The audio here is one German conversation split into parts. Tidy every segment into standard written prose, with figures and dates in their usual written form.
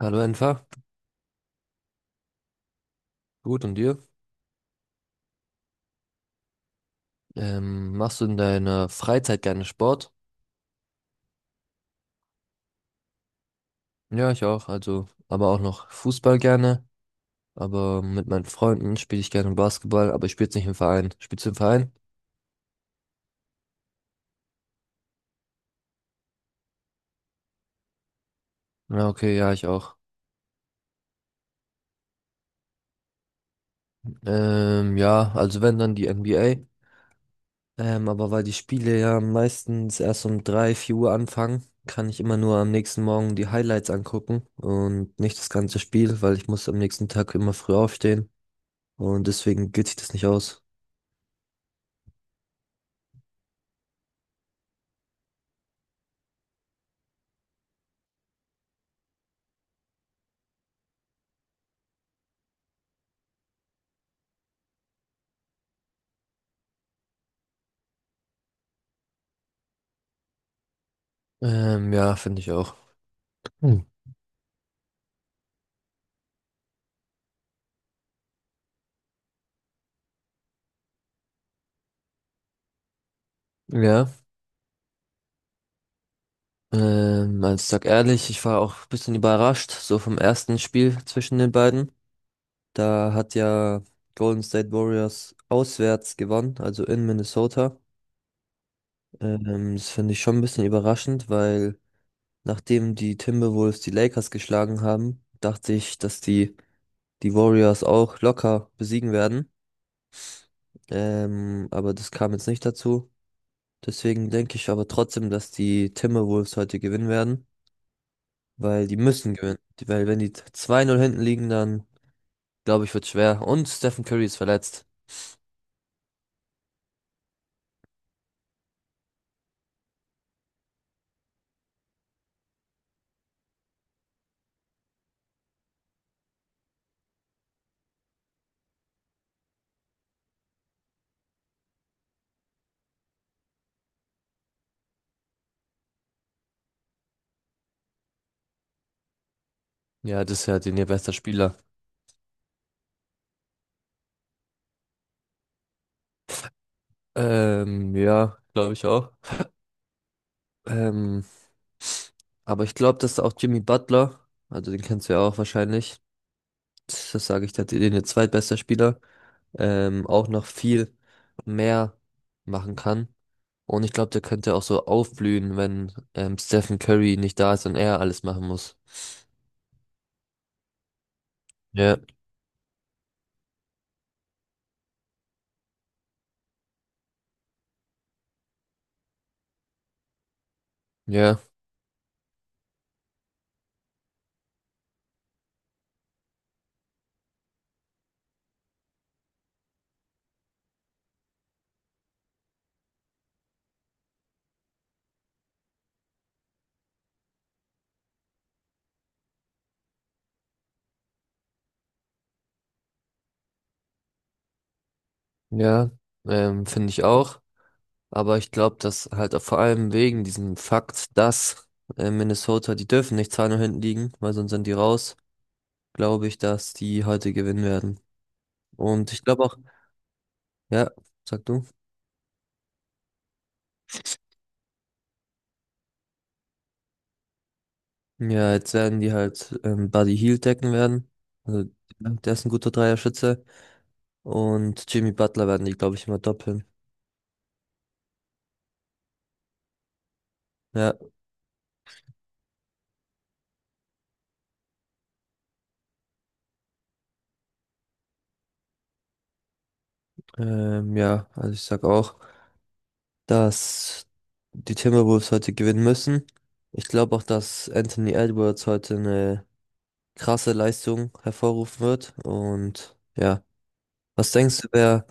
Hallo einfach, gut und dir? Machst du in deiner Freizeit gerne Sport? Ja, ich auch, also, aber auch noch Fußball gerne, aber mit meinen Freunden spiele ich gerne Basketball, aber ich spiele nicht im Verein. Spielst du im Verein? Ja, okay, ja, ich auch. Ja, also wenn dann die NBA. Aber weil die Spiele ja meistens erst um 3 4 Uhr anfangen, kann ich immer nur am nächsten Morgen die Highlights angucken und nicht das ganze Spiel, weil ich muss am nächsten Tag immer früh aufstehen und deswegen geht sich das nicht aus. Ja, finde ich auch. Hm. Ja, also ich sag ehrlich, ich war auch ein bisschen überrascht, so vom ersten Spiel zwischen den beiden. Da hat ja Golden State Warriors auswärts gewonnen, also in Minnesota. Das finde ich schon ein bisschen überraschend, weil nachdem die Timberwolves die Lakers geschlagen haben, dachte ich, dass die, die Warriors auch locker besiegen werden. Aber das kam jetzt nicht dazu. Deswegen denke ich aber trotzdem, dass die Timberwolves heute gewinnen werden. Weil die müssen gewinnen. Weil wenn die zwei null hinten liegen, dann glaube ich, wird schwer. Und Stephen Curry ist verletzt. Ja, das ist ja den ihr bester Spieler. Ja, glaube ich auch. Ähm, aber ich glaube, dass auch Jimmy Butler, also den kennst du ja auch wahrscheinlich, das sage ich, der den ihr zweitbester Spieler, auch noch viel mehr machen kann. Und ich glaube, der könnte auch so aufblühen, wenn Stephen Curry nicht da ist und er alles machen muss. Ja, ja. Ja, finde ich auch. Aber ich glaube, dass halt auch vor allem wegen diesem Fakt, dass Minnesota, die dürfen nicht 2-0 hinten liegen, weil sonst sind die raus, glaube ich, dass die heute gewinnen werden. Und ich glaube auch, ja, sag du. Ja, jetzt werden die halt Buddy Hield decken werden. Also, ja, der ist ein guter Dreierschütze. Und Jimmy Butler werden die, glaube ich, immer doppeln. Ja, ja, also ich sag auch, dass die Timberwolves heute gewinnen müssen. Ich glaube auch, dass Anthony Edwards heute eine krasse Leistung hervorrufen wird. Und ja, was denkst du, wer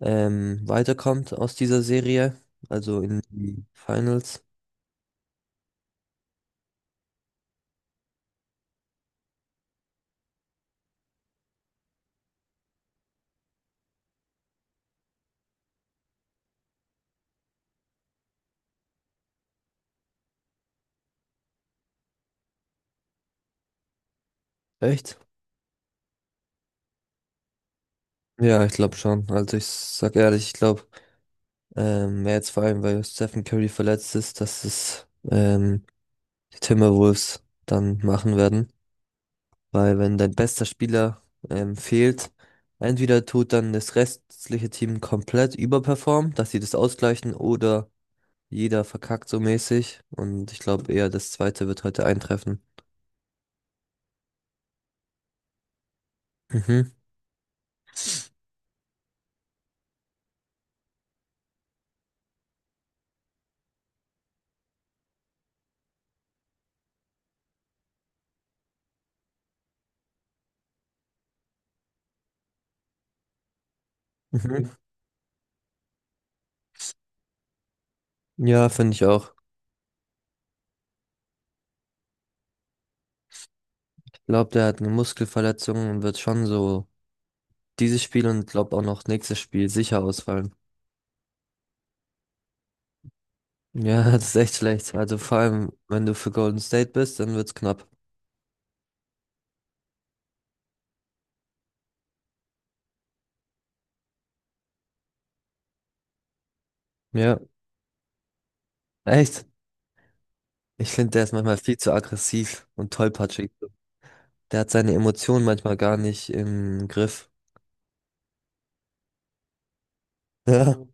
weiterkommt aus dieser Serie? Also in die Finals? Echt? Ja, ich glaube schon. Also ich sag ehrlich, ich glaube, wer jetzt vor allem, weil Stephen Curry verletzt ist, dass es die Timberwolves dann machen werden. Weil wenn dein bester Spieler fehlt, entweder tut dann das restliche Team komplett überperformen, dass sie das ausgleichen, oder jeder verkackt so mäßig. Und ich glaube eher, das zweite wird heute eintreffen. Mhm. Mhm. Ja, finde ich auch. Ich glaube, der hat eine Muskelverletzung und wird schon so dieses Spiel und glaube auch noch nächstes Spiel sicher ausfallen. Ja, das ist echt schlecht. Also vor allem, wenn du für Golden State bist, dann wird's knapp. Ja, echt. Ich finde, der ist manchmal viel zu aggressiv und tollpatschig. Der hat seine Emotionen manchmal gar nicht im Griff. Ja.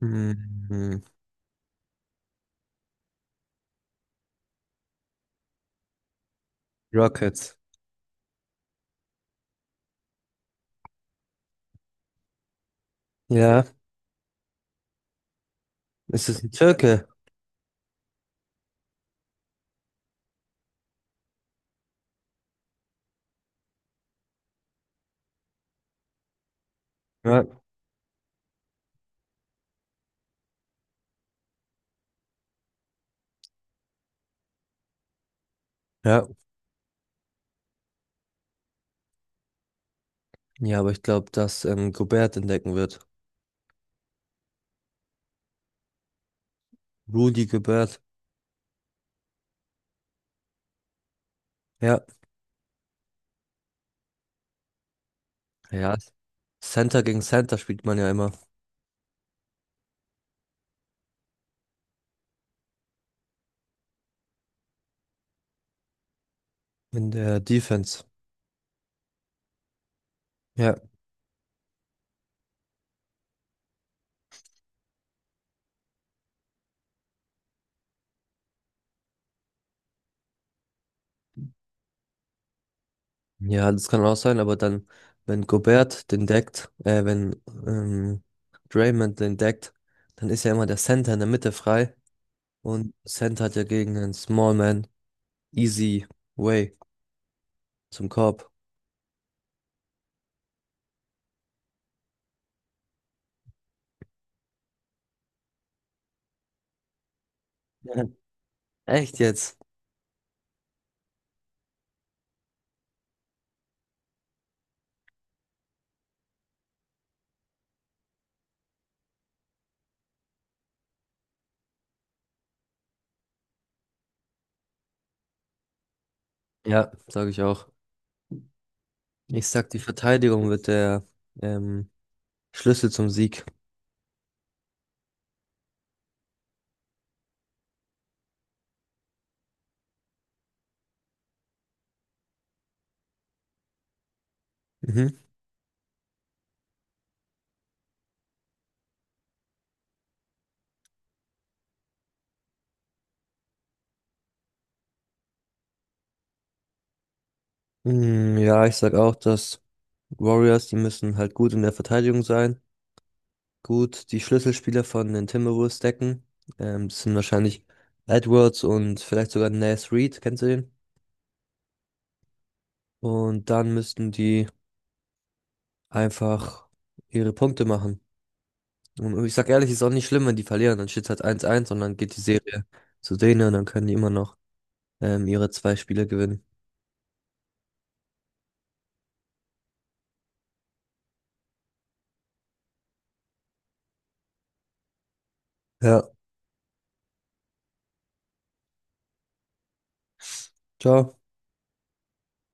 Mhm. Rockets. Ja, ist es ein Türke? Ja. Ja, ja, aber ich glaube, dass Gobert entdecken wird. Rudy Gobert. Ja, ja. Center gegen Center spielt man ja immer in der Defense. Ja, ja, das kann auch sein, aber dann, wenn Gobert den deckt, wenn ähm, Draymond den deckt, dann ist ja immer der Center in der Mitte frei und Center hat ja gegen einen Smallman Easy way zum Korb. Ja. Echt jetzt? Ja, sage ich auch. Ich sag, die Verteidigung wird der ähm, Schlüssel zum Sieg. Mhm. Mm, ja, ich sag auch, dass Warriors, die müssen halt gut in der Verteidigung sein. Gut, die Schlüsselspieler von den Timberwolves decken. Das sind wahrscheinlich Edwards und vielleicht sogar Naz Reid, kennst du den? Und dann müssten die einfach ihre Punkte machen. Und ich sag ehrlich, ist auch nicht schlimm, wenn die verlieren. Dann steht halt eins-eins, und dann geht die Serie zu denen und dann können die immer noch ihre zwei Spiele gewinnen. Ja, ciao.